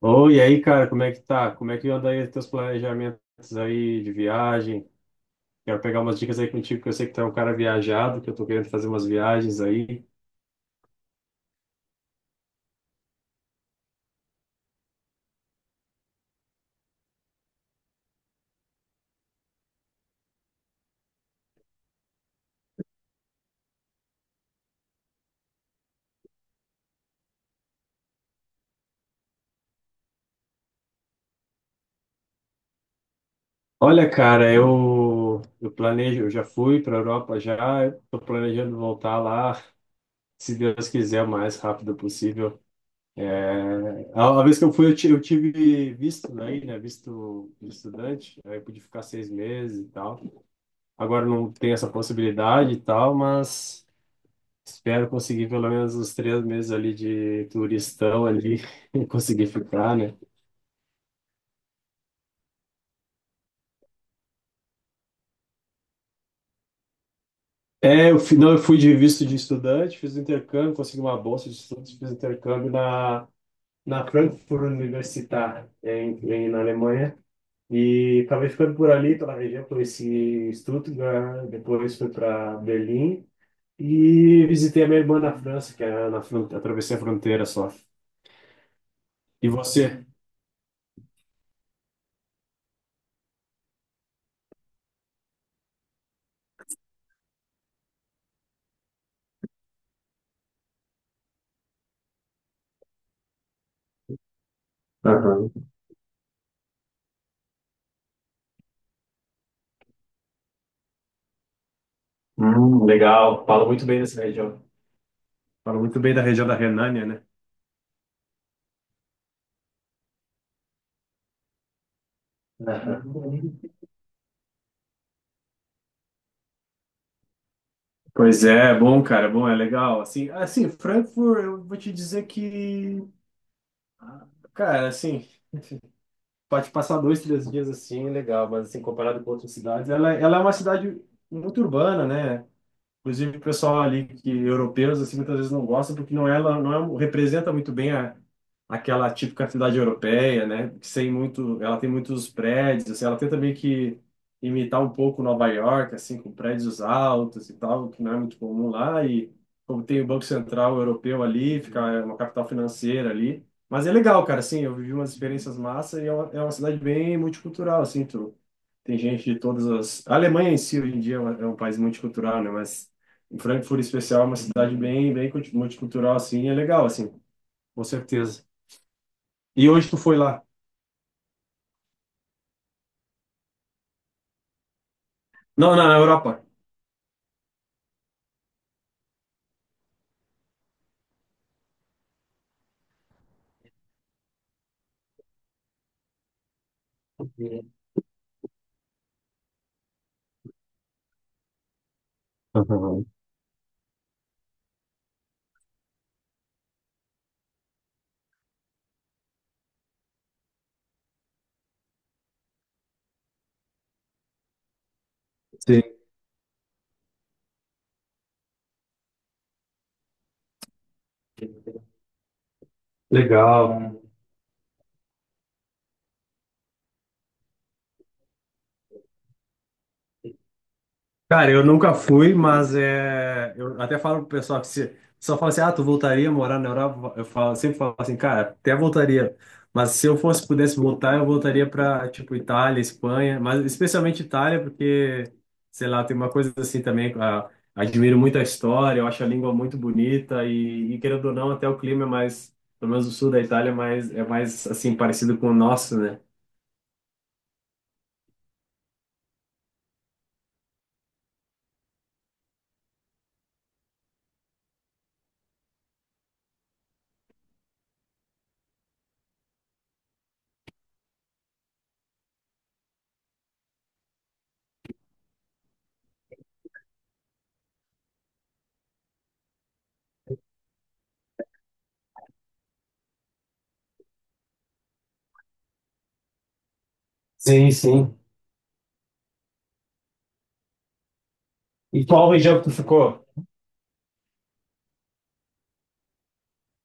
Ô, e aí, cara, como é que tá? Como é que anda aí os teus planejamentos aí de viagem? Quero pegar umas dicas aí contigo, que eu sei que tu é um cara viajado, que eu tô querendo fazer umas viagens aí. Olha, cara, eu planejo, eu já fui pra Europa já, eu tô planejando voltar lá, se Deus quiser, o mais rápido possível. É, a vez que eu fui, eu tive visto daí, né, visto de estudante, aí eu pude ficar 6 meses e tal. Agora não tem essa possibilidade e tal, mas... Espero conseguir pelo menos uns 3 meses ali de turistão ali, e conseguir ficar, né? É, eu fui, não, eu fui de visto de estudante, fiz o intercâmbio, consegui uma bolsa de estudos, fiz o intercâmbio na, na Frankfurt Universität, na Alemanha, e acabei ficando por ali, pela região, conheci Stuttgart, depois fui para Berlim, e visitei a minha irmã na França, que é na atravessei a fronteira só. E você? Aham. Legal, falo muito bem dessa região. Fala muito bem da região da Renânia, né? Aham. Pois é, é bom, cara, é bom, é legal. Assim, assim, Frankfurt, eu vou te dizer que, ah, cara, assim, pode passar dois, três dias assim, legal, mas assim, comparado com outras cidades, ela é uma cidade muito urbana, né? Inclusive, o pessoal ali que europeus assim muitas vezes não gosta porque não ela não é- um, representa muito bem a, aquela típica cidade europeia, né? Que sem muito, ela tem muitos prédios, assim, ela tenta meio que imitar um pouco Nova York, assim, com prédios altos e tal, que não é muito comum lá e como tem o Banco Central Europeu ali, fica é uma capital financeira ali. Mas é legal, cara, assim, eu vivi umas experiências massa e é é uma cidade bem multicultural, assim, tu tem gente de todas as. A Alemanha em si, hoje em dia, é é um país multicultural, né? Mas em Frankfurt, em especial, é uma cidade bem, multicultural, assim, é legal, assim, com certeza. E hoje tu foi lá? Não, não, na Europa. Sim, legal. Cara, eu nunca fui, mas é, eu até falo pro pessoal que se só fala assim, ah, tu voltaria a morar na Europa? Eu falo, sempre falo assim, cara, até voltaria. Mas se eu fosse, pudesse voltar, eu voltaria para tipo Itália, Espanha, mas especialmente Itália, porque sei lá, tem uma coisa assim também, admiro muito a história, eu acho a língua muito bonita e querendo ou não, até o clima é mais, pelo menos o sul da Itália, é mais assim parecido com o nosso, né? Sim, sim. E qual região que tu ficou?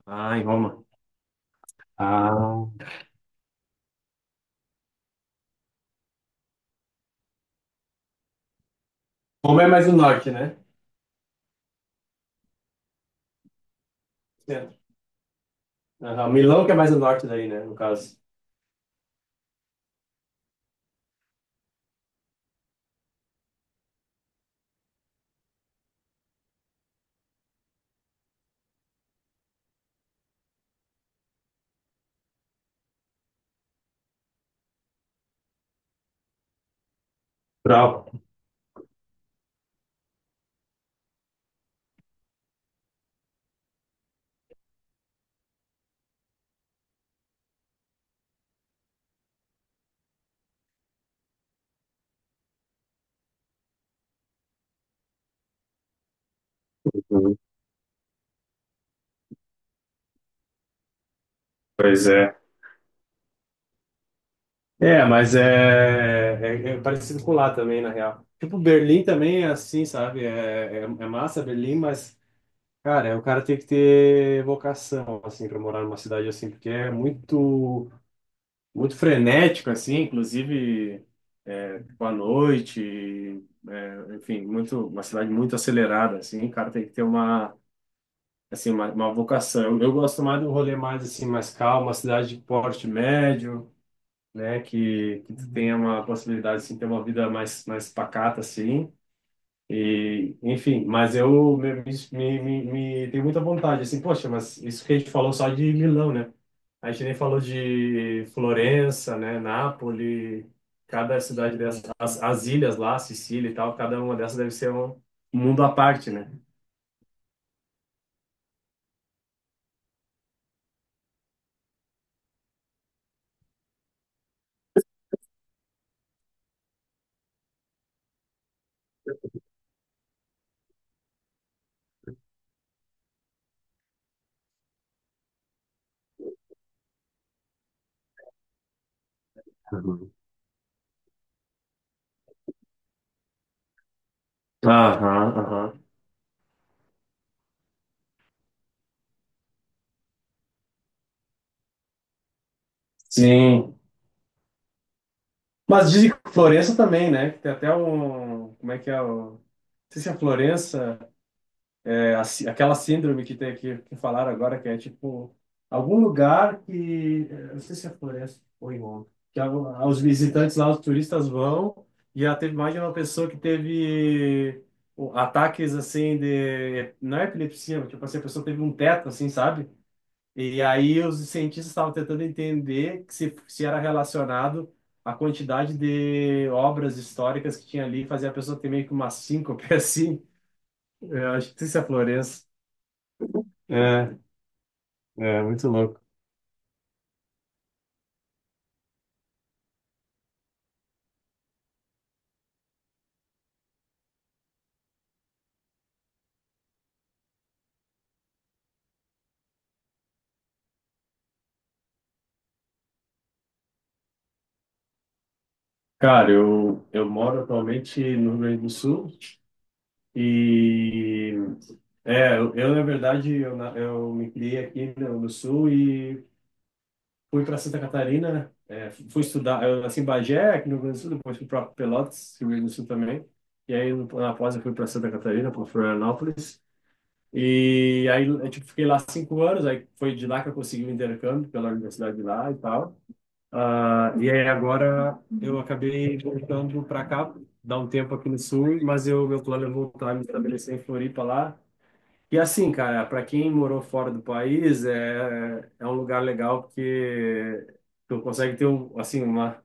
Ah, em Roma. Ah. Roma é mais o norte, né? Centro. Aham. Milão que é mais o norte daí, né? No caso. Pra- Uhum. Pois é. É, mas é parecido com lá também, na real. Tipo, Berlim também é assim, sabe? É massa Berlim, mas, cara, o cara tem que ter vocação, assim, pra morar numa cidade assim, porque é muito, muito frenético, assim, inclusive, é, tipo, à noite, é, enfim, muito, uma cidade muito acelerada, assim, o cara tem que ter uma assim, uma vocação. Eu gosto mais do rolê mais, assim, mais calmo, uma cidade de porte médio, né, que tu tenha uma possibilidade, assim, de ter uma vida mais, mais pacata, assim, e, enfim, mas eu me, me, me, me tenho muita vontade, assim, poxa, mas isso que a gente falou só de Milão, né, a gente nem falou de Florença, né, Nápoles, cada cidade dessas, as ilhas lá, Sicília e tal, cada uma dessas deve ser um mundo à parte, né? Uhum. Aham, aham. Sim. Mas dizem que Florença também, né? Que tem até um. Como é que é o. Não sei se é Florença, é a aquela síndrome que tem aqui, que falaram agora, que é tipo. Algum lugar que eu não sei se é Florença ou em Roma. Os visitantes lá, os turistas vão. E já teve mais de uma pessoa que teve ataques assim de. Não é epilepsia, mas tipo assim, a pessoa teve um teto, assim, sabe? E aí os cientistas estavam tentando entender que se era relacionado à quantidade de obras históricas que tinha ali, fazia a pessoa ter meio que uma síncope assim. Eu acho que isso é Florença. É, é muito louco. Cara, eu moro atualmente no Rio Grande do Sul e é, na verdade eu me criei aqui no Sul e fui para Santa Catarina, né? É, fui estudar, eu nasci em Bagé, aqui no Rio Grande do Sul, depois fui para Pelotas, Rio Grande do Sul também. E aí, na pós, eu fui para Santa Catarina, para Florianópolis. E aí, eu, tipo, fiquei lá 5 anos, aí foi de lá que eu consegui o intercâmbio pela universidade de lá e tal. Ah, e aí, agora, eu acabei voltando para cá, dar um tempo aqui no Sul, mas eu, meu plano é voltar a me estabelecer em Floripa lá, e assim, cara, para quem morou fora do país, é, é um lugar legal porque tu consegue ter um, assim uma,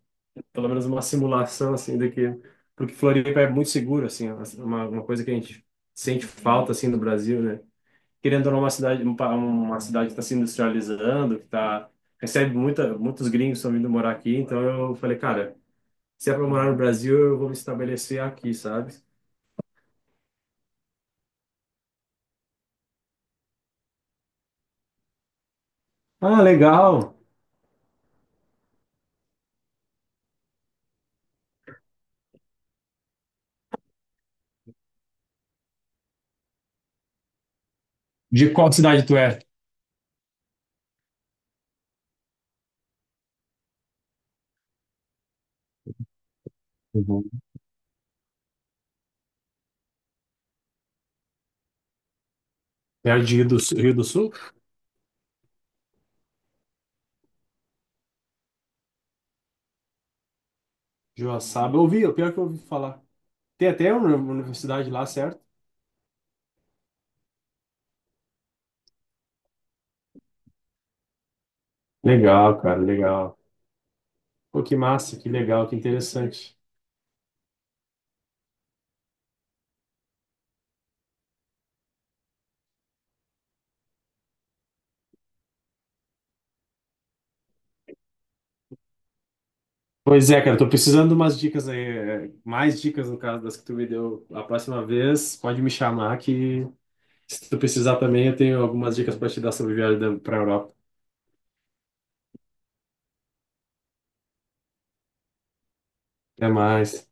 pelo menos uma simulação assim do que porque Floripa é muito seguro assim, é uma coisa que a gente sente falta. Uhum. Assim no Brasil, né? Querendo ou não, uma cidade uma cidade que está se industrializando, que tá recebe muita muitos gringos estão vindo morar aqui, então eu falei, cara, se é para morar no Brasil, eu vou me estabelecer aqui, sabe? Ah, legal. De qual cidade tu é? Perto de Rio do Sul, Rio do Sul? Joaçaba, eu ouvi, é o pior que eu ouvi falar. Tem até uma universidade lá, certo? Legal, cara, legal. Pô, que massa, que legal, que interessante. Pois é, cara, tô precisando de umas dicas aí, é, mais dicas no caso das que tu me deu a próxima vez, pode me chamar que se tu precisar também eu tenho algumas dicas para te dar sobre viagem para Europa. Até mais.